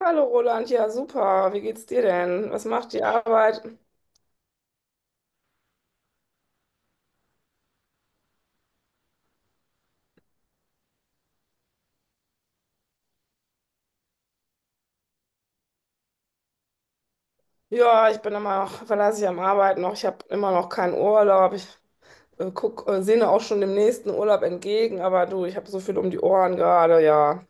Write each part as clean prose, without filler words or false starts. Hallo Roland, ja super, wie geht's dir denn? Was macht die Arbeit? Ja, ich bin immer noch, verlasse ich am Arbeiten noch, ich habe immer noch keinen Urlaub. Ich guck, sehne auch schon dem nächsten Urlaub entgegen, aber du, ich habe so viel um die Ohren gerade, ja.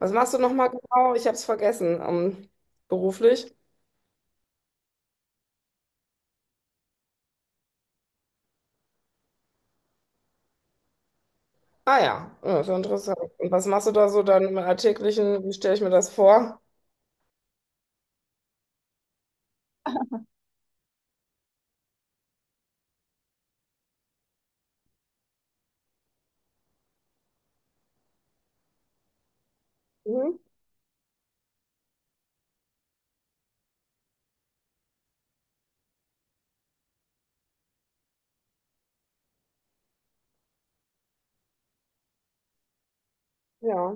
Was machst du nochmal genau? Ich habe es vergessen, beruflich. Ah ja, ja, ist ja interessant. Und was machst du da so dann im Alltäglichen? Wie stelle ich mir das vor? Mhm. Ja.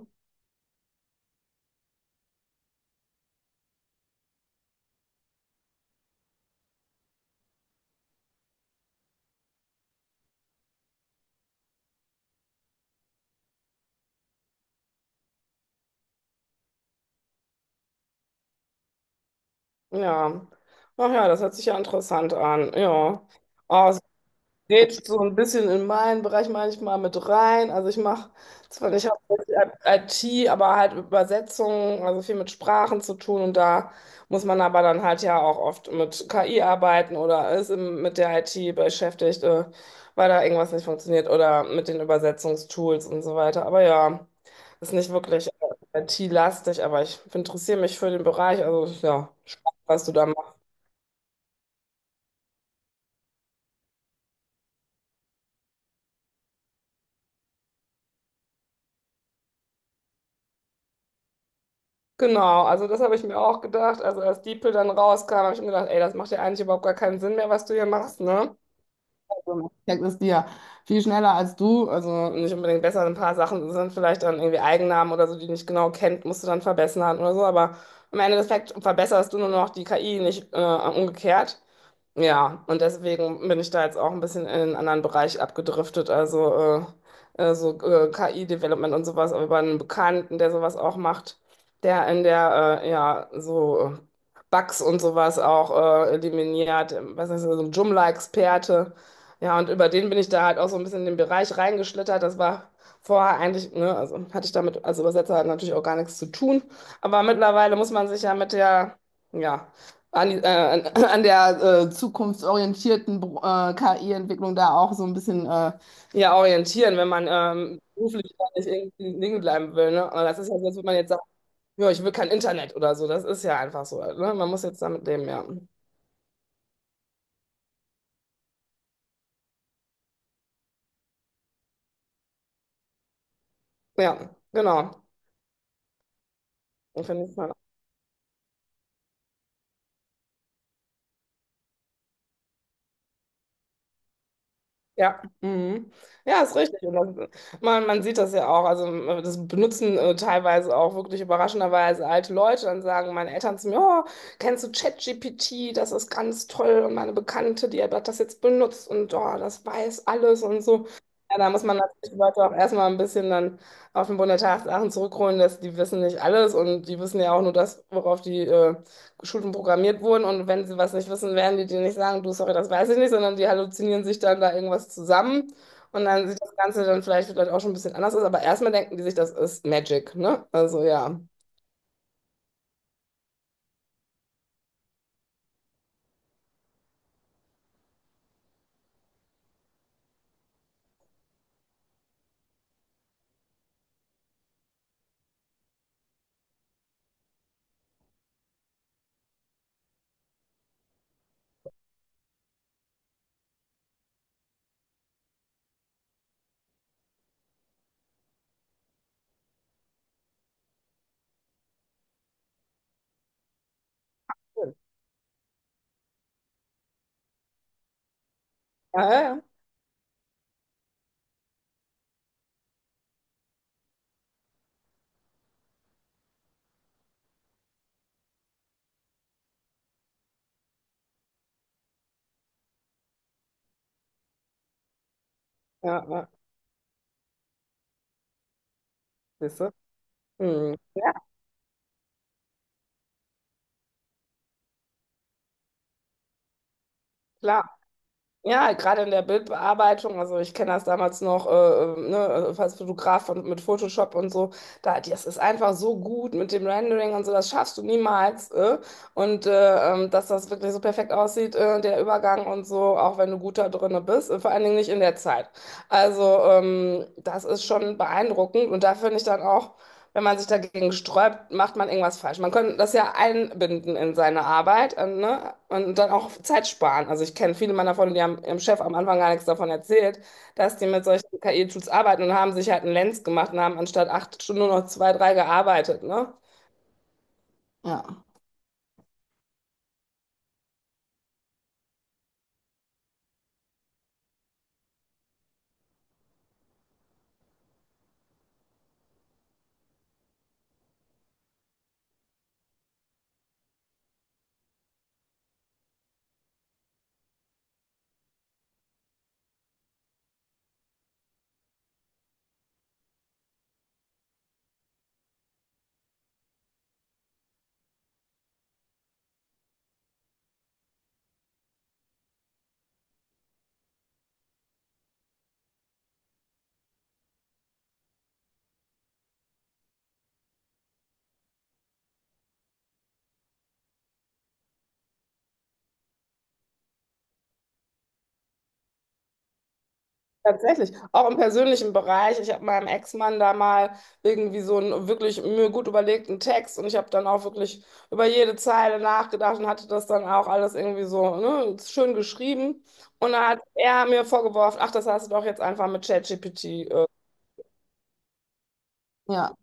Ja. Ach ja, das hört sich ja interessant an, ja. Oh, geht so ein bisschen in meinen Bereich manchmal mit rein. Also ich mache zwar nicht hauptsächlich IT, aber halt Übersetzungen, also viel mit Sprachen zu tun und da muss man aber dann halt ja auch oft mit KI arbeiten oder ist im- mit der IT beschäftigt, weil da irgendwas nicht funktioniert oder mit den Übersetzungstools und so weiter. Aber ja, ist nicht wirklich IT-lastig, aber ich interessiere mich für den Bereich, also ja, spannend, was du da. Genau, also das habe ich mir auch gedacht. Also als DeepL dann rauskam, habe ich mir gedacht, ey, das macht ja eigentlich überhaupt gar keinen Sinn mehr, was du hier machst, ne? Also, ich denke, die ja viel schneller als du, also nicht unbedingt besser, ein paar Sachen sind vielleicht dann irgendwie Eigennamen oder so, die du nicht genau kennt, musst du dann verbessern oder so, aber am Ende des Tages verbesserst du nur noch die KI, nicht umgekehrt. Ja, und deswegen bin ich da jetzt auch ein bisschen in einen anderen Bereich abgedriftet, also KI-Development und sowas, aber bei einem Bekannten, der sowas auch macht, der in der, ja, Bugs und sowas auch eliminiert, was ist das, so ein Joomla-Experte. Ja, und über den bin ich da halt auch so ein bisschen in den Bereich reingeschlittert. Das war vorher eigentlich, ne, also hatte ich damit als Übersetzer halt natürlich auch gar nichts zu tun. Aber mittlerweile muss man sich ja mit der, ja, an an der zukunftsorientierten KI-Entwicklung da auch so ein bisschen ja, orientieren, wenn man beruflich da nicht irgendwie liegen bleiben will. Ne? Aber das ist ja so, als würde man jetzt sagen, ja, ich will kein Internet oder so. Das ist ja einfach so. Ne? Man muss jetzt damit leben, ja. Ja, genau. Ich finde es. Ja, mhm. Ja, ist richtig. Und das, man sieht das ja auch. Also, das benutzen teilweise auch wirklich überraschenderweise alte Leute. Dann sagen meine Eltern zu mir: Oh, kennst du ChatGPT? Das ist ganz toll. Und meine Bekannte, die hat das jetzt benutzt und oh, das weiß alles und so. Ja, da muss man natürlich die Leute auch erstmal ein bisschen dann auf den Boden der Tatsachen zurückholen, dass die wissen nicht alles und die wissen ja auch nur das, worauf die Schulen programmiert wurden, und wenn sie was nicht wissen, werden die dir nicht sagen, du, sorry, das weiß ich nicht, sondern die halluzinieren sich dann da irgendwas zusammen, und dann sieht das Ganze dann vielleicht auch schon ein bisschen anders aus, aber erstmal denken die sich, das ist Magic, ne? Also ja. Ja, ja, ja, ja, ja. Siehst du? Hm. Ja, klar. Ja, gerade in der Bildbearbeitung, also ich kenne das damals noch, ne, also als Fotograf von, mit Photoshop und so, da, das ist einfach so gut mit dem Rendering und so, das schaffst du niemals. Äh? Und dass das wirklich so perfekt aussieht, der Übergang und so, auch wenn du gut da drinne bist, vor allen Dingen nicht in der Zeit. Also das ist schon beeindruckend und da finde ich dann auch, wenn man sich dagegen sträubt, macht man irgendwas falsch. Man könnte das ja einbinden in seine Arbeit, ne? Und dann auch Zeit sparen. Also ich kenne viele meiner Freunde, die haben ihrem Chef am Anfang gar nichts davon erzählt, dass die mit solchen KI-Tools arbeiten und haben sich halt einen Lenz gemacht und haben anstatt 8 Stunden nur noch 2, 3 gearbeitet, ne? Ja. Tatsächlich, auch im persönlichen Bereich. Ich habe meinem Ex-Mann da mal irgendwie so einen wirklich mir gut überlegten Text und ich habe dann auch wirklich über jede Zeile nachgedacht und hatte das dann auch alles irgendwie so, ne, schön geschrieben. Und dann hat er mir vorgeworfen, ach, das hast du doch jetzt einfach mit ChatGPT. Äh, Ja.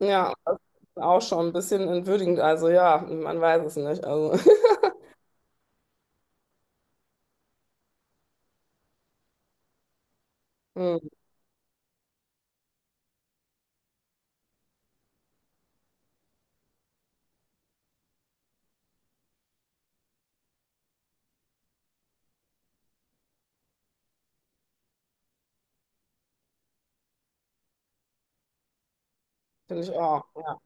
Ja, das ist auch schon ein bisschen entwürdigend. Also ja, man weiß es nicht. Also, hm, finde ich auch. Ja.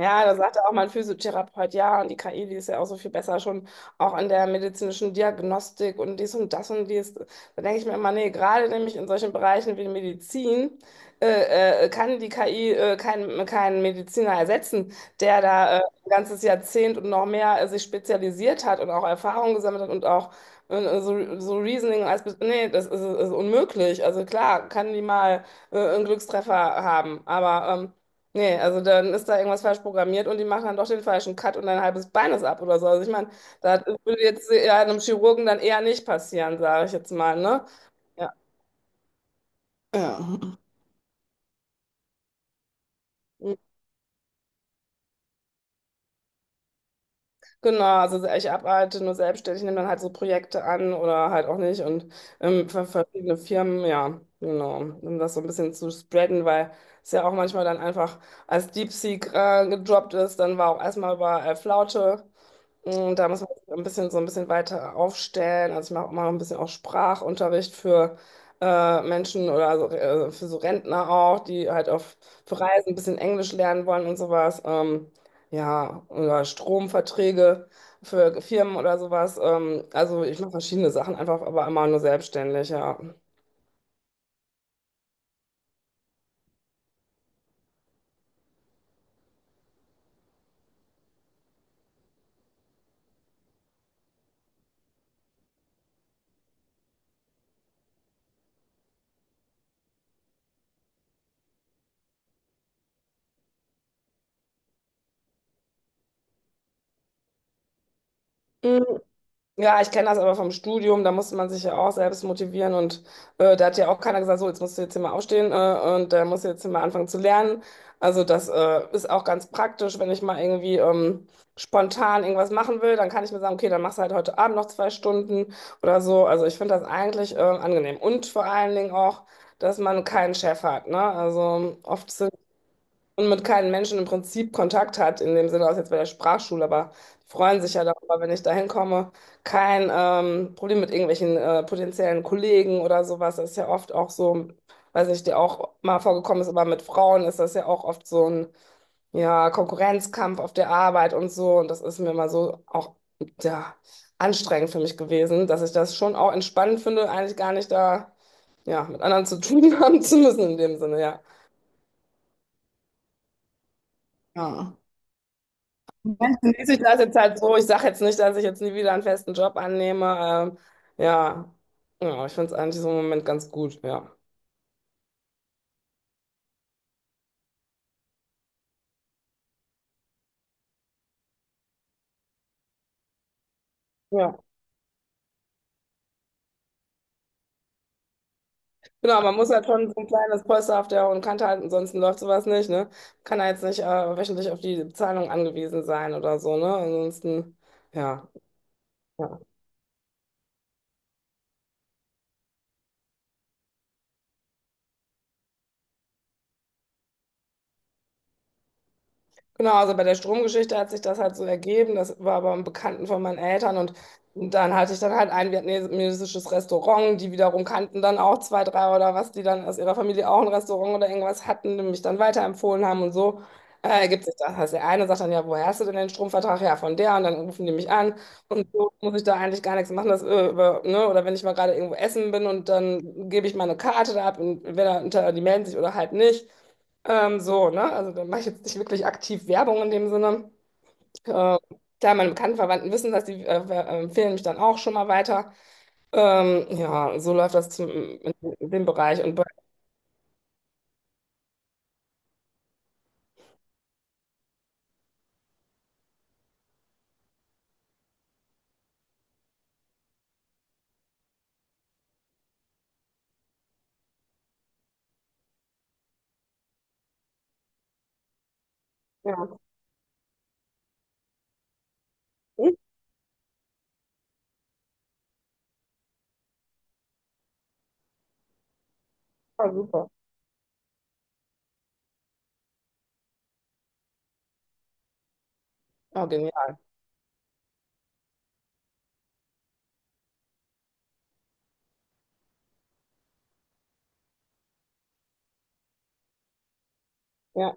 Ja, da sagte auch mein Physiotherapeut, ja, und die KI, die ist ja auch so viel besser schon auch in der medizinischen Diagnostik und dies und das und dies. Da denke ich mir immer, nee, gerade nämlich in solchen Bereichen wie Medizin kann die KI keinen Mediziner ersetzen, der da ein ganzes Jahrzehnt und noch mehr sich spezialisiert hat und auch Erfahrung gesammelt hat und auch so Reasoning als, nee, ist unmöglich. Also klar, kann die mal einen Glückstreffer haben, aber nee, also dann ist da irgendwas falsch programmiert und die machen dann doch den falschen Cut und dein halbes Bein ist ab oder so. Also ich meine, das würde jetzt ja einem Chirurgen dann eher nicht passieren, sage ich jetzt mal, ne? Ja. Ja. Genau, also ich arbeite nur selbstständig, nehme dann halt so Projekte an oder halt auch nicht und für verschiedene Firmen, ja, genau, um das so ein bisschen zu spreaden, weil es ja auch manchmal dann einfach als DeepSeek gedroppt ist, dann war auch erstmal überall Flaute. Und da muss man sich ein bisschen so ein bisschen weiter aufstellen. Also ich mache immer noch ein bisschen auch Sprachunterricht für Menschen oder so, für so Rentner auch, die halt auf für Reisen ein bisschen Englisch lernen wollen und sowas. Ja, oder Stromverträge für Firmen oder sowas. Also ich mache verschiedene Sachen einfach, aber immer nur selbstständig, ja. Ja, ich kenne das aber vom Studium, da musste man sich ja auch selbst motivieren und da hat ja auch keiner gesagt, so, jetzt musst du jetzt hier mal aufstehen und da musst du jetzt hier mal anfangen zu lernen. Also das ist auch ganz praktisch, wenn ich mal irgendwie spontan irgendwas machen will, dann kann ich mir sagen, okay, dann machst du halt heute Abend noch 2 Stunden oder so. Also ich finde das eigentlich angenehm und vor allen Dingen auch, dass man keinen Chef hat, ne? Also oft und mit keinen Menschen im Prinzip Kontakt hat, in dem Sinne, aus jetzt bei der Sprachschule, aber die freuen sich ja darüber, wenn ich da hinkomme. Kein Problem mit irgendwelchen potenziellen Kollegen oder sowas. Das ist ja oft auch so, weiß nicht, dir auch mal vorgekommen ist, aber mit Frauen ist das ja auch oft so ein ja, Konkurrenzkampf auf der Arbeit und so. Und das ist mir mal so auch ja, anstrengend für mich gewesen, dass ich das schon auch entspannend finde, eigentlich gar nicht da ja, mit anderen zu tun haben zu müssen in dem Sinne, ja. Ja. Dann genieße ich das jetzt halt so. Ich sage jetzt nicht, dass ich jetzt nie wieder einen festen Job annehme. Ja. Ja, ich finde es eigentlich so im Moment ganz gut, ja. Ja. Genau, man muss halt schon so ein kleines Polster auf der hohen Kante halten, ansonsten läuft sowas nicht, ne? Kann halt jetzt nicht wöchentlich auf die Zahlung angewiesen sein oder so, ne? Ansonsten, ja. Ja. Genau, also bei der Stromgeschichte hat sich das halt so ergeben. Das war aber ein Bekannten von meinen Eltern und dann hatte ich dann halt ein vietnamesisches Restaurant. Die wiederum kannten dann auch 2, 3 oder was, die dann aus ihrer Familie auch ein Restaurant oder irgendwas hatten, die mich dann weiterempfohlen haben und so. Ergibt sich das. Also der eine sagt dann, ja, woher hast du denn den Stromvertrag? Ja, von der. Und dann rufen die mich an. Und so muss ich da eigentlich gar nichts machen. Das, über, ne? Oder wenn ich mal gerade irgendwo essen bin und dann gebe ich meine Karte da ab und entweder die melden sich oder halt nicht. So, ne? Also da mache ich jetzt nicht wirklich aktiv Werbung in dem Sinne. Äh, klar, meine bekannten Verwandten wissen das, die empfehlen mich dann auch schon mal weiter. Ja, so läuft das zum, in dem Bereich. Und bei, ja, super, super. Ja, genial. Ja.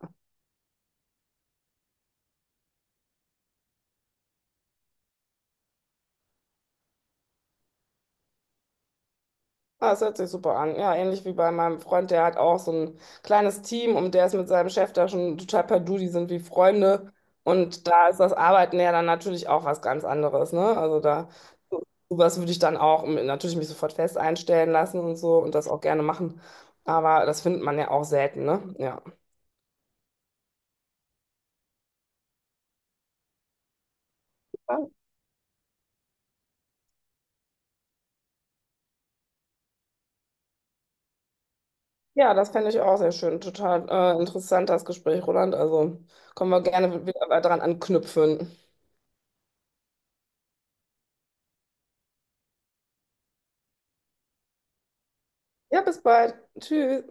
Ah, das hört sich super an. Ja, ähnlich wie bei meinem Freund, der hat auch so ein kleines Team und der ist mit seinem Chef da schon total per Du, die sind wie Freunde. Und da ist das Arbeiten ja dann natürlich auch was ganz anderes, ne? Also da, so- sowas würde ich dann auch natürlich mich sofort fest einstellen lassen und so und das auch gerne machen. Aber das findet man ja auch selten, ne? Ja. Ja, das fände ich auch sehr schön. Total interessant, das Gespräch, Roland. Also können wir gerne wieder dran anknüpfen. Ja, bis bald. Tschüss.